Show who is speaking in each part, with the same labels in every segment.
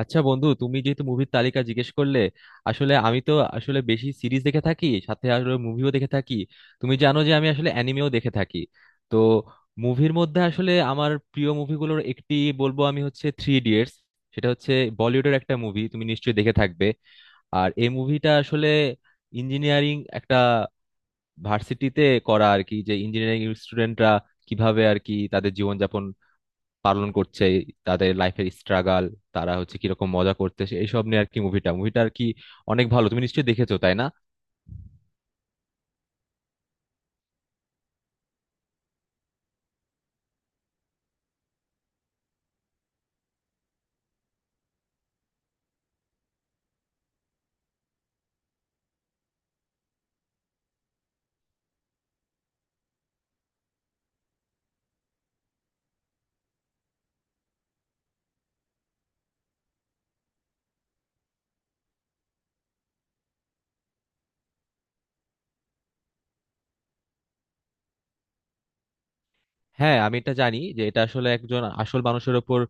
Speaker 1: আচ্ছা বন্ধু, তুমি যেহেতু মুভির তালিকা জিজ্ঞেস করলে, আসলে আমি তো আসলে বেশি সিরিজ দেখে থাকি, সাথে আসলে মুভিও দেখে থাকি। তুমি জানো যে আমি আসলে অ্যানিমেও দেখে থাকি। তো মুভির মধ্যে আসলে আমার প্রিয় মুভিগুলোর একটি বলবো, আমি হচ্ছে থ্রি ইডিয়টস। সেটা হচ্ছে বলিউডের একটা মুভি, তুমি নিশ্চয়ই দেখে থাকবে। আর এই মুভিটা আসলে ইঞ্জিনিয়ারিং একটা ভার্সিটিতে করা আর কি, যে ইঞ্জিনিয়ারিং স্টুডেন্টরা কিভাবে আর কি তাদের জীবনযাপন পালন করছে, তাদের লাইফের স্ট্রাগল, তারা হচ্ছে কিরকম মজা করতেছে, এইসব নিয়ে আর কি। মুভিটা মুভিটা আর কি অনেক ভালো, তুমি নিশ্চয়ই দেখেছো, তাই না? হ্যাঁ, আমি এটা জানি যে এটা আসলে একজন আসল মানুষের ওপর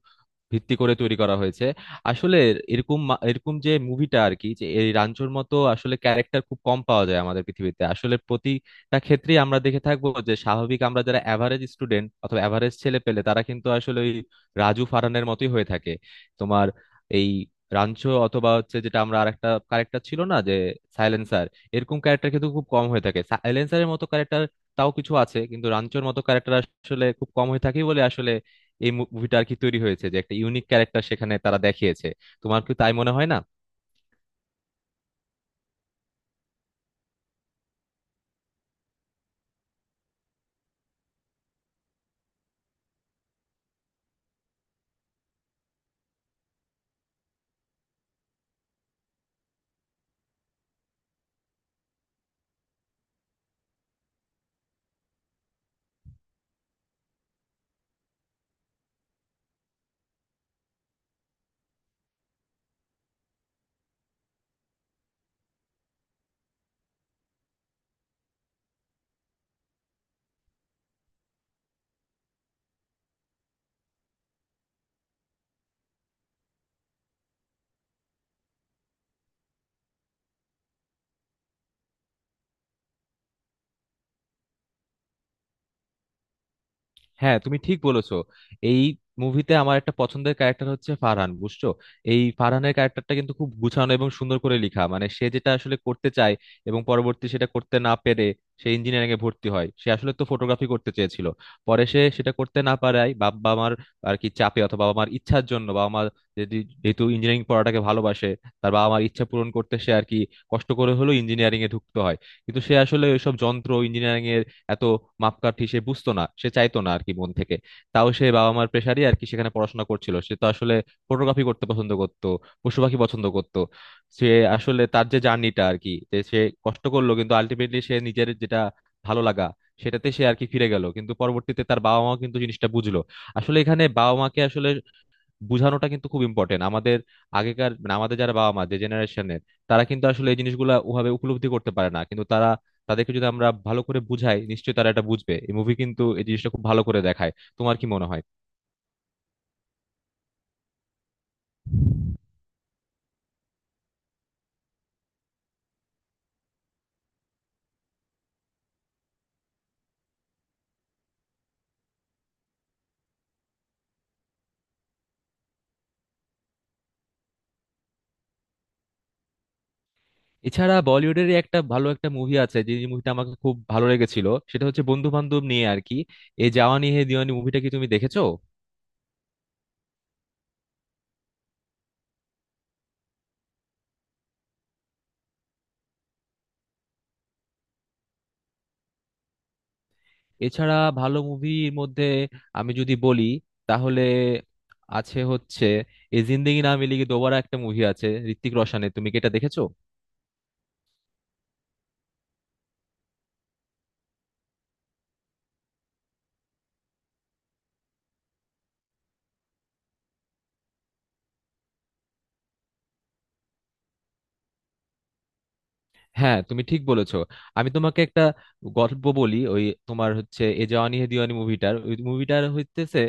Speaker 1: ভিত্তি করে তৈরি করা হয়েছে। আসলে এরকম যে মুভিটা আর কি, যে এই রাঞ্চোর মতো আসলে ক্যারেক্টার খুব কম পাওয়া যায় আমাদের পৃথিবীতে। আসলে প্রতিটা ক্ষেত্রেই আমরা দেখে থাকবো যে স্বাভাবিক, আমরা যারা অ্যাভারেজ স্টুডেন্ট অথবা অ্যাভারেজ ছেলে পেলে, তারা কিন্তু আসলে ওই রাজু ফারানের মতোই হয়ে থাকে। তোমার এই রাঞ্চো অথবা হচ্ছে যেটা আমরা আরেকটা ক্যারেক্টার ছিল না, যে সাইলেন্সার, এরকম ক্যারেক্টার কিন্তু খুব কম হয়ে থাকে। সাইলেন্সারের মতো ক্যারেক্টার তাও কিছু আছে, কিন্তু রাঞ্চোর মতো ক্যারেক্টার আসলে খুব কম হয়ে থাকে বলে আসলে এই মুভিটা আর কি তৈরি হয়েছে, যে একটা ইউনিক ক্যারেক্টার সেখানে তারা দেখিয়েছে। তোমার কি তাই মনে হয় না? হ্যাঁ তুমি ঠিক বলেছো। এই মুভিতে আমার একটা পছন্দের ক্যারেক্টার হচ্ছে ফারহান, বুঝছো? এই ফারহানের ক্যারেক্টারটা কিন্তু খুব গুছানো এবং সুন্দর করে লেখা। মানে সে যেটা আসলে করতে চায় এবং পরবর্তী সেটা করতে না পেরে সে ইঞ্জিনিয়ারিং এ ভর্তি হয়। সে আসলে তো ফটোগ্রাফি করতে চেয়েছিল, পরে সে সেটা করতে না পারায় বাবা মার আর কি চাপে, অথবা বাবা মার ইচ্ছার জন্য, বাবা মা যদি, যেহেতু ইঞ্জিনিয়ারিং পড়াটাকে ভালোবাসে, তার বাবা মার ইচ্ছা পূরণ করতে সে আর কি কষ্ট করে হলেও ইঞ্জিনিয়ারিং এ ঢুকতে হয়। কিন্তু সে আসলে ওইসব যন্ত্র ইঞ্জিনিয়ারিং, এত মাপকাঠি সে বুঝতো না, সে চাইতো না আর কি মন থেকে। তাও সে বাবা মার প্রেশারই আর কি সেখানে পড়াশোনা করছিল। সে তো আসলে ফটোগ্রাফি করতে পছন্দ করতো, পশু পাখি পছন্দ করতো। সে আসলে তার যে জার্নিটা আর কি, যে সে কষ্ট করলো, কিন্তু আলটিমেটলি সে নিজের যেটা ভালো লাগা, সেটাতে সে আর কি ফিরে গেল। কিন্তু পরবর্তীতে তার বাবা মা কিন্তু জিনিসটা বুঝলো। আসলে এখানে বাবা মাকে আসলে বুঝানোটা কিন্তু খুব ইম্পর্টেন্ট। আমাদের আগেকার, মানে আমাদের যারা বাবা মা, যে জেনারেশনের, তারা কিন্তু আসলে এই জিনিসগুলো ওভাবে উপলব্ধি করতে পারে না, কিন্তু তারা, তাদেরকে যদি আমরা ভালো করে বুঝাই, নিশ্চয়ই তারা এটা বুঝবে। এই মুভি কিন্তু এই জিনিসটা খুব ভালো করে দেখায়। তোমার কি মনে হয়? এছাড়া বলিউডের একটা ভালো একটা মুভি আছে, যে মুভিটা আমাকে খুব ভালো লেগেছিল, সেটা হচ্ছে বন্ধু বান্ধব নিয়ে আর কি, এই জাওয়ানি হে দিওয়ানি মুভিটা কি তুমি দেখেছো? এছাড়া ভালো মুভির মধ্যে আমি যদি বলি, তাহলে আছে হচ্ছে এই জিন্দেগি না মিলেগি দোবারা, একটা মুভি আছে ঋত্বিক রোশনের, তুমি কি এটা দেখেছো? হ্যাঁ তুমি ঠিক বলেছো। আমি তোমাকে একটা গল্প বলি। ওই তোমার হচ্ছে এ জাওয়ানি হে দিওয়ানি মুভিটার, ওই মুভিটার হইতেছে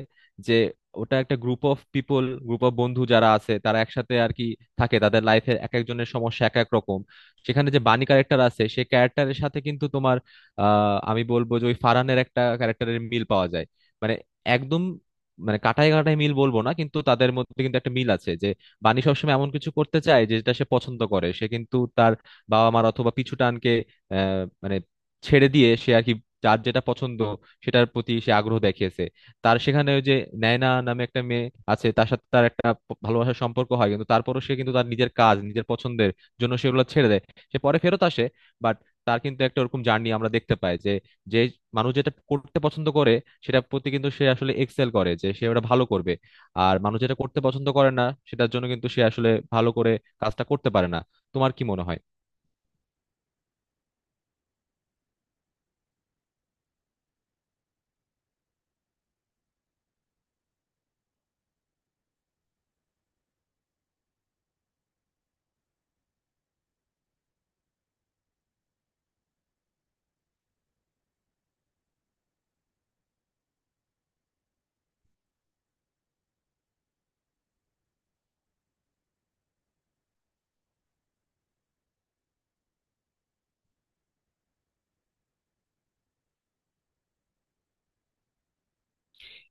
Speaker 1: যে ওটা একটা group of people, group of বন্ধু যারা আছে, তারা একসাথে আর কি থাকে। তাদের লাইফের এক একজনের সমস্যা এক এক রকম। সেখানে যে বানি ক্যারেক্টার আছে, সেই ক্যারেক্টারের সাথে কিন্তু তোমার, আমি বলবো যে ওই ফারহানের একটা ক্যারেক্টারের মিল পাওয়া যায়। মানে একদম, মানে কাটায় কাটায় মিল বলবো না, কিন্তু তাদের মধ্যে কিন্তু একটা মিল আছে, যে বানি সবসময় এমন কিছু করতে চায় যেটা সে পছন্দ করে। সে কিন্তু তার বাবা মার অথবা পিছু টানকে মানে ছেড়ে দিয়ে সে আর কি যার যেটা পছন্দ সেটার প্রতি সে আগ্রহ দেখিয়েছে। তার সেখানে ওই যে নায়না নামে একটা মেয়ে আছে, তার সাথে তার একটা ভালোবাসার সম্পর্ক হয়, কিন্তু তারপরও সে কিন্তু তার নিজের কাজ, নিজের পছন্দের জন্য সেগুলো ছেড়ে দেয়। সে পরে ফেরত আসে। বাট তার কিন্তু একটা ওরকম জার্নি আমরা দেখতে পাই, যে, যে মানুষ যেটা করতে পছন্দ করে সেটার প্রতি কিন্তু সে আসলে এক্সেল করে, যে সে ওটা ভালো করবে। আর মানুষ যেটা করতে পছন্দ করে না, সেটার জন্য কিন্তু সে আসলে ভালো করে কাজটা করতে পারে না। তোমার কি মনে হয়?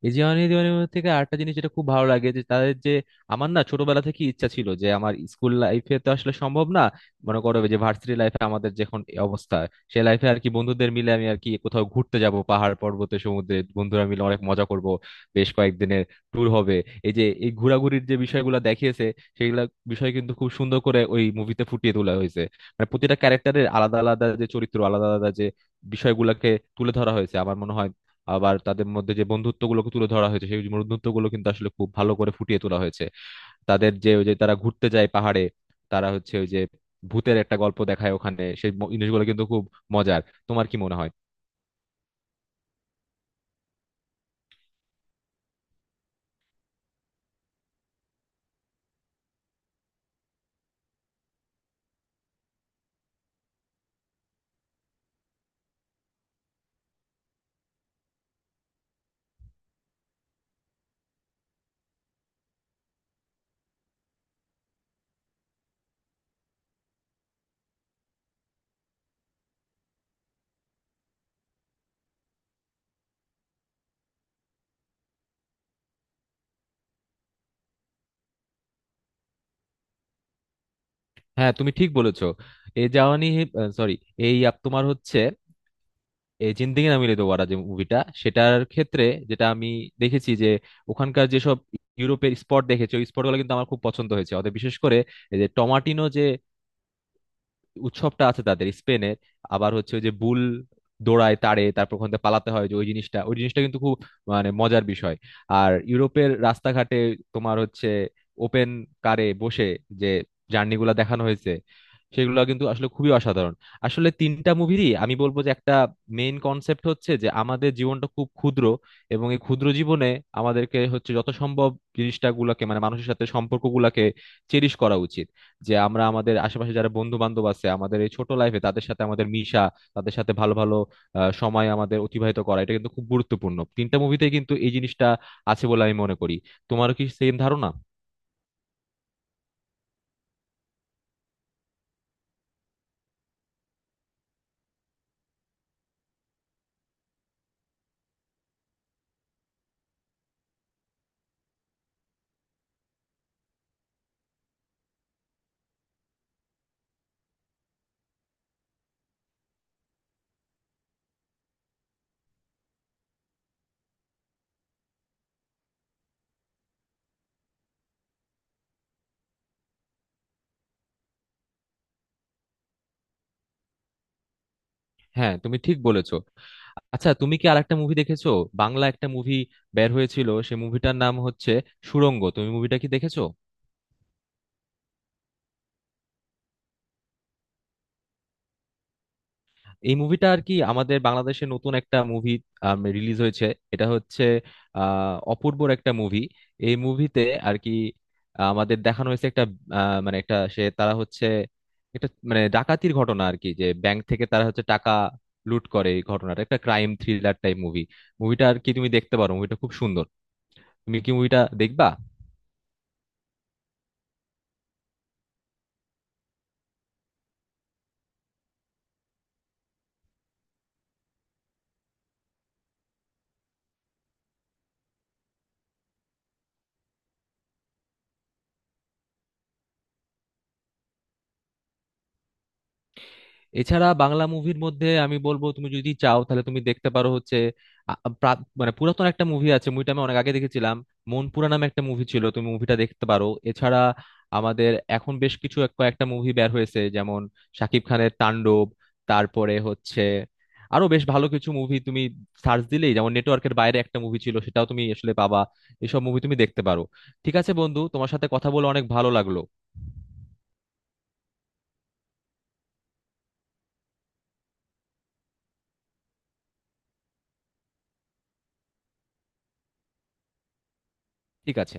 Speaker 1: এই জিওনি দিওয়ানি থেকে আরেকটা জিনিস যেটা খুব ভালো লাগে, যে তাদের যে, আমার না ছোটবেলা থেকে ইচ্ছা ছিল যে আমার স্কুল লাইফে তো আসলে সম্ভব না, মনে করো যে ভার্সিটি লাইফে আমাদের যখন এই অবস্থা, সে লাইফে আর কি বন্ধুদের মিলে আমি আর কি কোথাও ঘুরতে যাব, পাহাড় পর্বতে, সমুদ্রে, বন্ধুরা মিলে অনেক মজা করব, বেশ কয়েকদিনের ট্যুর হবে। এই যে এই ঘোরাঘুরির যে বিষয়গুলো দেখিয়েছে, সেগুলা বিষয় কিন্তু খুব সুন্দর করে ওই মুভিতে ফুটিয়ে তোলা হয়েছে। মানে প্রতিটা ক্যারেক্টারের আলাদা আলাদা যে চরিত্র, আলাদা আলাদা যে বিষয়গুলোকে তুলে ধরা হয়েছে, আমার মনে হয়। আবার তাদের মধ্যে যে বন্ধুত্বগুলোকে তুলে ধরা হয়েছে, সেই বন্ধুত্বগুলো কিন্তু আসলে খুব ভালো করে ফুটিয়ে তোলা হয়েছে। তাদের যে ওই যে তারা ঘুরতে যায় পাহাড়ে, তারা হচ্ছে ওই যে ভূতের একটা গল্প দেখায় ওখানে, সেই জিনিসগুলো কিন্তু খুব মজার। তোমার কি মনে হয়? হ্যাঁ তুমি ঠিক বলেছো। এ জাওয়ানি, সরি, এই আপ তোমার হচ্ছে এই জিন্দেগি না মিলে দোবারা, যে মুভিটা, সেটার ক্ষেত্রে যেটা আমি দেখেছি যে ওখানকার যেসব ইউরোপের স্পট দেখেছি, ওই স্পটগুলো কিন্তু আমার খুব পছন্দ হয়েছে। অতএব বিশেষ করে এই যে টমাটিনো যে উৎসবটা আছে তাদের স্পেনের, আবার হচ্ছে ওই যে বুল দৌড়ায় তারে তারপর ওখান থেকে পালাতে হয়, যে ওই জিনিসটা, ওই জিনিসটা কিন্তু খুব, মানে, মজার বিষয়। আর ইউরোপের রাস্তাঘাটে তোমার হচ্ছে ওপেন কারে বসে যে জার্নি গুলা দেখানো হয়েছে, সেগুলো কিন্তু আসলে খুবই অসাধারণ। আসলে তিনটা মুভিরই আমি বলবো যে একটা মেইন কনসেপ্ট হচ্ছে যে আমাদের জীবনটা খুব ক্ষুদ্র, এবং এই ক্ষুদ্র জীবনে আমাদেরকে হচ্ছে যত সম্ভব জিনিসটা গুলাকে, মানে মানুষের সাথে সম্পর্ক গুলাকে চেরিশ করা উচিত। যে আমরা আমাদের আশেপাশে যারা বন্ধু বান্ধব আছে আমাদের এই ছোট লাইফে, তাদের সাথে আমাদের মিশা, তাদের সাথে ভালো ভালো সময় আমাদের অতিবাহিত করা, এটা কিন্তু খুব গুরুত্বপূর্ণ। তিনটা মুভিতে কিন্তু এই জিনিসটা আছে বলে আমি মনে করি। তোমারও কি সেম ধারণা? হ্যাঁ তুমি ঠিক বলেছো। আচ্ছা তুমি কি আরেকটা মুভি দেখেছো? বাংলা একটা মুভি বের হয়েছিল, সে মুভিটার নাম হচ্ছে সুড়ঙ্গ, তুমি মুভিটা কি দেখেছো? এই মুভিটা আর কি আমাদের বাংলাদেশে নতুন একটা মুভি রিলিজ হয়েছে। এটা হচ্ছে অপূর্বর একটা মুভি। এই মুভিতে আর কি আমাদের দেখানো হয়েছে একটা, মানে, একটা, সে তারা হচ্ছে একটা, মানে, ডাকাতির ঘটনা আর কি, যে ব্যাংক থেকে তারা হচ্ছে টাকা লুট করে। এই ঘটনাটা একটা ক্রাইম থ্রিলার টাইপ মুভি, মুভিটা আর কি তুমি দেখতে পারো, মুভিটা খুব সুন্দর। তুমি কি মুভিটা দেখবা? এছাড়া বাংলা মুভির মধ্যে আমি বলবো, তুমি যদি চাও তাহলে তুমি দেখতে পারো হচ্ছে মানে পুরাতন একটা মুভি আছে, মুভিটা আমি অনেক আগে দেখেছিলাম, মনপুরা নামে একটা মুভি ছিল, তুমি মুভিটা দেখতে পারো। এছাড়া আমাদের এখন বেশ কিছু কয়েকটা মুভি বের হয়েছে যেমন শাকিব খানের তাণ্ডব, তারপরে হচ্ছে আরো বেশ ভালো কিছু মুভি তুমি সার্চ দিলেই, যেমন নেটওয়ার্কের বাইরে একটা মুভি ছিল, সেটাও তুমি আসলে পাবা। এসব মুভি তুমি দেখতে পারো। ঠিক আছে বন্ধু, তোমার সাথে কথা বলে অনেক ভালো লাগলো। ঠিক আছে।